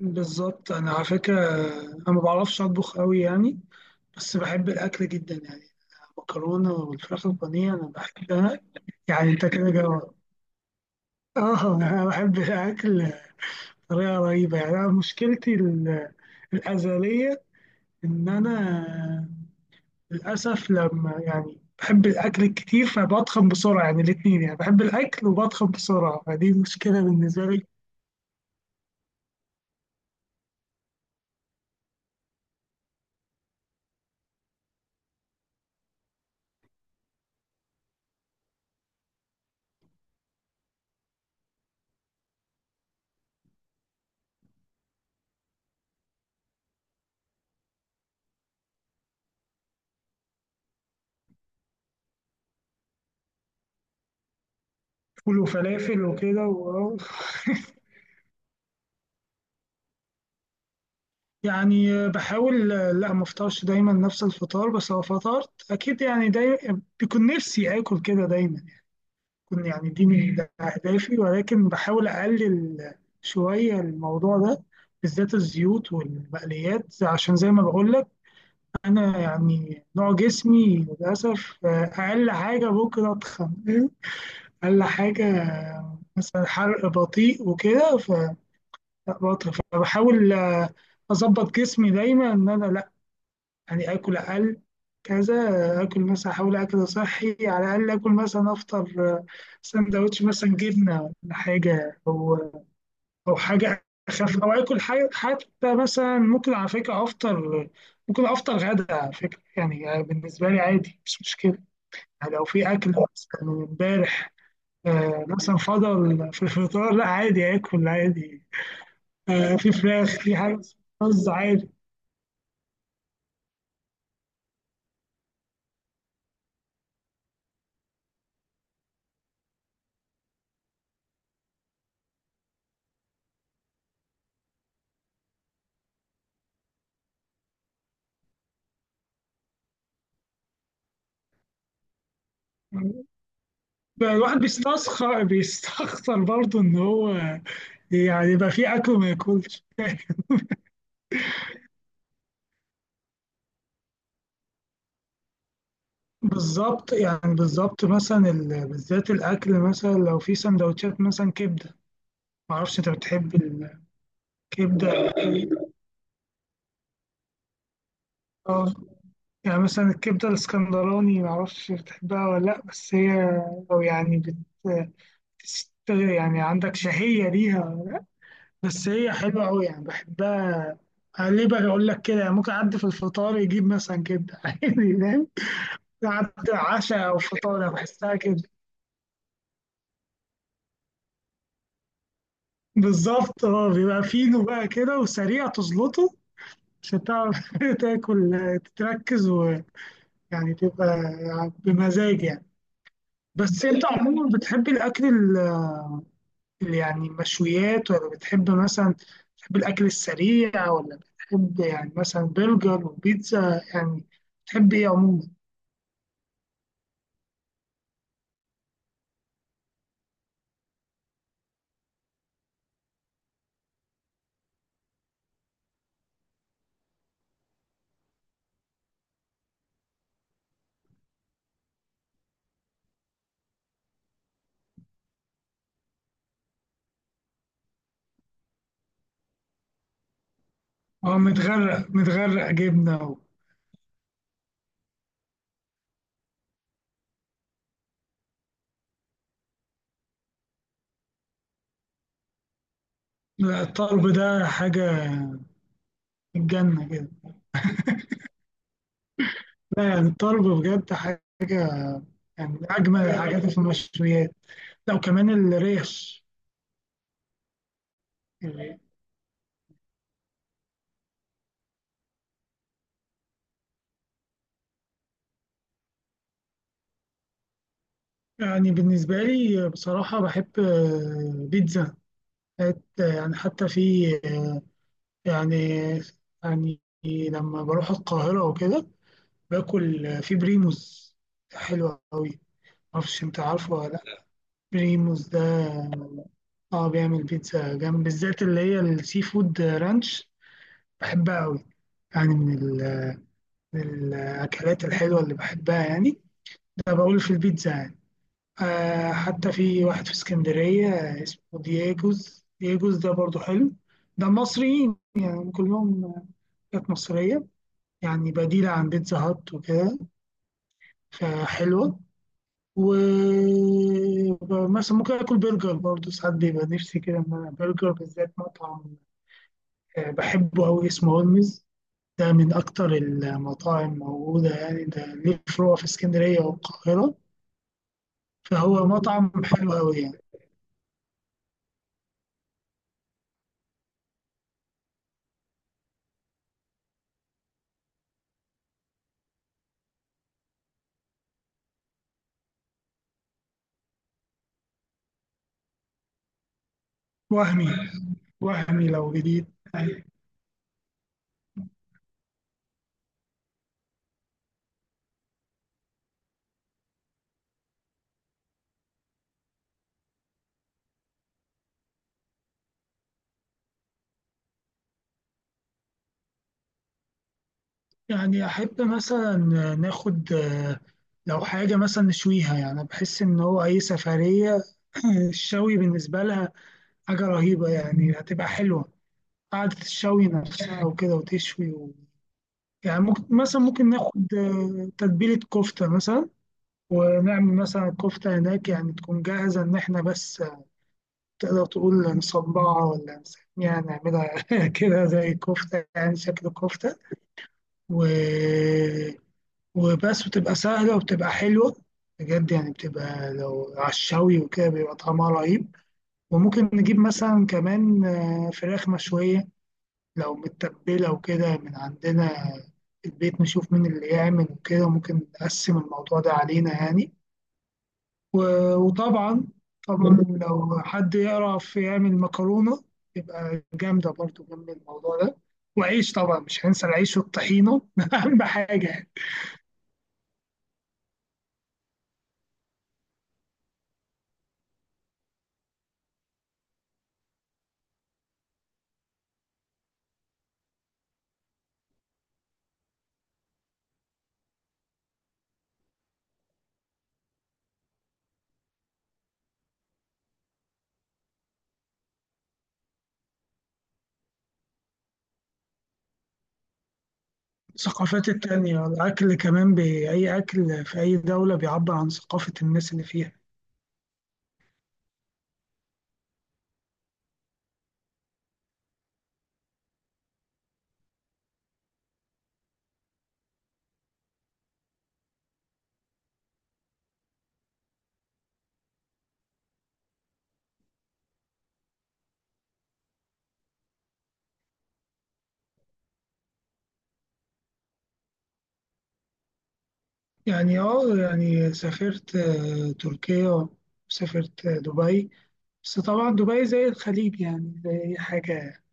بالظبط، انا على فكره انا ما بعرفش اطبخ قوي يعني، بس بحب الاكل جدا يعني. المكرونه والفراخ البانيه انا بحبها. يعني انت كده جوه. اه، انا بحب الاكل بطريقه رهيبه يعني. انا مشكلتي الازليه ان انا للاسف لما يعني بحب الاكل الكتير فبتخن بسرعه، يعني الاثنين، يعني بحب الاكل وبتخن بسرعه فدي مشكله بالنسبه لي. فول وفلافل وكده. يعني بحاول. لا، ما افطرش دايما نفس الفطار، بس لو فطرت اكيد يعني دايما بيكون نفسي اكل كده دايما. بيكون يعني دي من اهدافي، ولكن بحاول اقلل شويه الموضوع ده، بالذات الزيوت والمقليات، عشان زي ما بقول لك انا يعني نوع جسمي للاسف اقل حاجه ممكن اتخن. اقل حاجه مثلا، حرق بطيء وكده. فبطل، فبحاول اظبط جسمي دايما ان انا يعني آكل أقل كذا. آكل مثلا، أحاول أكل صحي على الأقل. آكل مثلا أفطر سندوتش مثلا جبنة ولا حاجة، أو أو حاجة أخف، أو آكل حاجة حتى. مثلا ممكن على فكرة أفطر، ممكن أفطر غدا على فكرة، يعني بالنسبة لي عادي مش مشكلة. يعني لو في أكل مثلا من إمبارح مثلا فضل في الفطار، لا عادي آكل عادي. في فراخ، في حاجة، رز، عادي. بقى الواحد بيستخسر برضه ان هو يعني يبقى فيه اكل وما ياكلش. بالظبط، يعني بالظبط مثلا بالذات الاكل، مثلا لو في سندوتشات مثلا كبده. ما اعرفش انت بتحب الكبده ولا إيه؟ اه، يعني مثلا الكبده الاسكندراني، ما اعرفش بتحبها ولا لا، بس هي، او يعني يعني عندك شهيه ليها ولا لأ، بس هي حلوه قوي يعني بحبها. ليه بقى اقول لك كده؟ يعني ممكن اعدي في الفطار يجيب مثلا كبده، عادي فاهم، بعد عشاء او فطار، أو بحسها كده بالظبط. اه بيبقى فينو بقى كده وسريع تزلطه عشان تعرف تاكل، تتركز ويعني تبقى بمزاج يعني. بس انت عموما بتحب الاكل يعني مشويات، ولا بتحب مثلا، بتحب الاكل السريع، ولا بتحب يعني مثلا برجر وبيتزا يعني؟ بتحب ايه عموما؟ اه، متغرق متغرق جبنه و... لا، الطرب ده حاجه. الجنه كده. لا يعني الطرب بجد حاجة، يعني من أجمل الحاجات في المشويات. لا، وكمان الريش. الريش. يعني بالنسبة لي بصراحة بحب بيتزا. يعني حتى في آه، يعني، يعني لما بروح القاهرة وكده باكل في بريموس، حلو أوي. معرفش أنت عارفه ولا لأ بريموس ده. اه، بيعمل بيتزا جنب، بالذات اللي هي السي فود رانش، بحبها أوي يعني. من الأكلات الحلوة اللي بحبها يعني. ده بقول في البيتزا يعني. آه، حتى في واحد في اسكندرية اسمه دييجوز. دييجوز ده برضو حلو. ده مصريين يعني كلهم، حاجات مصرية يعني، بديلة عن بيتزا هات وكده، فحلوة. ومثلا ممكن آكل برجر برضو، ساعات بيبقى نفسي كده إن أنا برجر، بالذات مطعم بحبه أوي اسمه هولمز. ده من أكتر المطاعم موجودة، يعني ده ليه فروع في اسكندرية والقاهرة، فهو مطعم حلو أوي يعني. وهمي وهمي لو جديد. يعني أحب مثلا ناخد لو حاجة مثلا نشويها، يعني أنا بحس إن هو أي سفرية الشوي بالنسبة لها حاجة رهيبة، يعني هتبقى حلوة، قعدة الشوي نفسها وكده وتشوي و... يعني ممكن مثلا، ممكن ناخد تتبيلة كفتة مثلا، ونعمل مثلا الكفتة هناك، يعني تكون جاهزة إن إحنا بس تقدر تقول نصبعها ولا نسميها نعملها كده زي كفتة، يعني شكل كفتة و... وبس، وتبقى سهلة وبتبقى حلوة بجد، يعني بتبقى لو على الشوي وكده بيبقى طعمها رهيب. وممكن نجيب مثلا كمان فراخ مشوية لو متبلة وكده من عندنا في البيت، نشوف مين اللي يعمل وكده، ممكن نقسم الموضوع ده علينا يعني. وطبعا، طبعا لو حد يعرف يعمل مكرونة تبقى جامدة برضو جنب الموضوع ده. وعيش طبعا، مش هننسى العيش والطحينة، أهم حاجة يعني. الثقافات التانية، الأكل كمان، بأي أكل في أي دولة بيعبر عن ثقافة الناس اللي فيها. يعني اه، يعني سافرت تركيا، وسافرت دبي، بس طبعا دبي زي الخليج يعني زي أي حاجة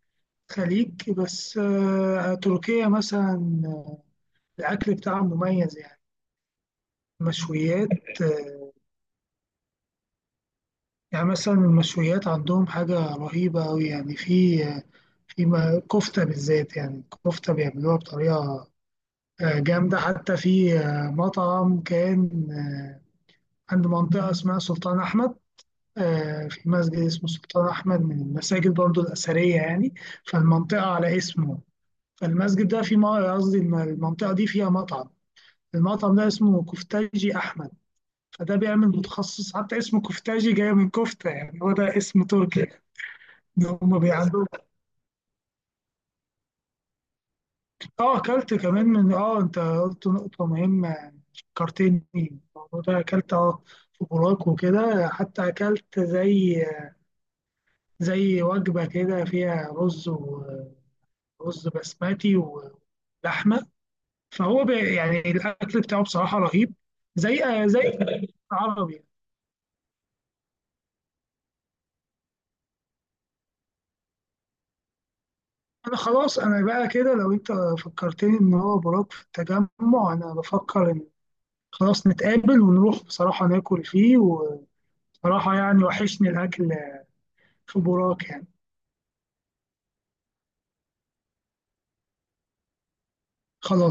خليج. بس تركيا مثلا الأكل بتاعها مميز يعني، مشويات يعني. مثلا المشويات عندهم حاجة رهيبة أوي، يعني في في كفتة بالذات، يعني كفتة بيعملوها بطريقة جامدة. حتى في مطعم كان عند منطقة اسمها سلطان أحمد. في مسجد اسمه سلطان أحمد، من المساجد برضو الأثرية يعني، فالمنطقة على اسمه. فالمسجد ده في قصدي المنطقة دي فيها مطعم. المطعم ده اسمه كفتاجي أحمد. فده بيعمل، متخصص، حتى اسمه كفتاجي جاي من كفتة، يعني هو ده اسم تركي يعني. إن هم عندهم. اه، اكلت كمان من اه انت قلت نقطة مهمة، كارتيني الموضوع ده. اكلت في بوراك وكده، حتى اكلت زي وجبة كده فيها رز، ورز بسمتي، ولحمة. فهو يعني الاكل بتاعه بصراحة رهيب، زي زي عربي. انا خلاص، انا بقى كده لو انت فكرتني ان هو بوراك في التجمع، انا بفكر خلاص نتقابل ونروح بصراحة ناكل فيه، وبصراحة يعني وحشني الأكل في بوراك يعني. خلاص.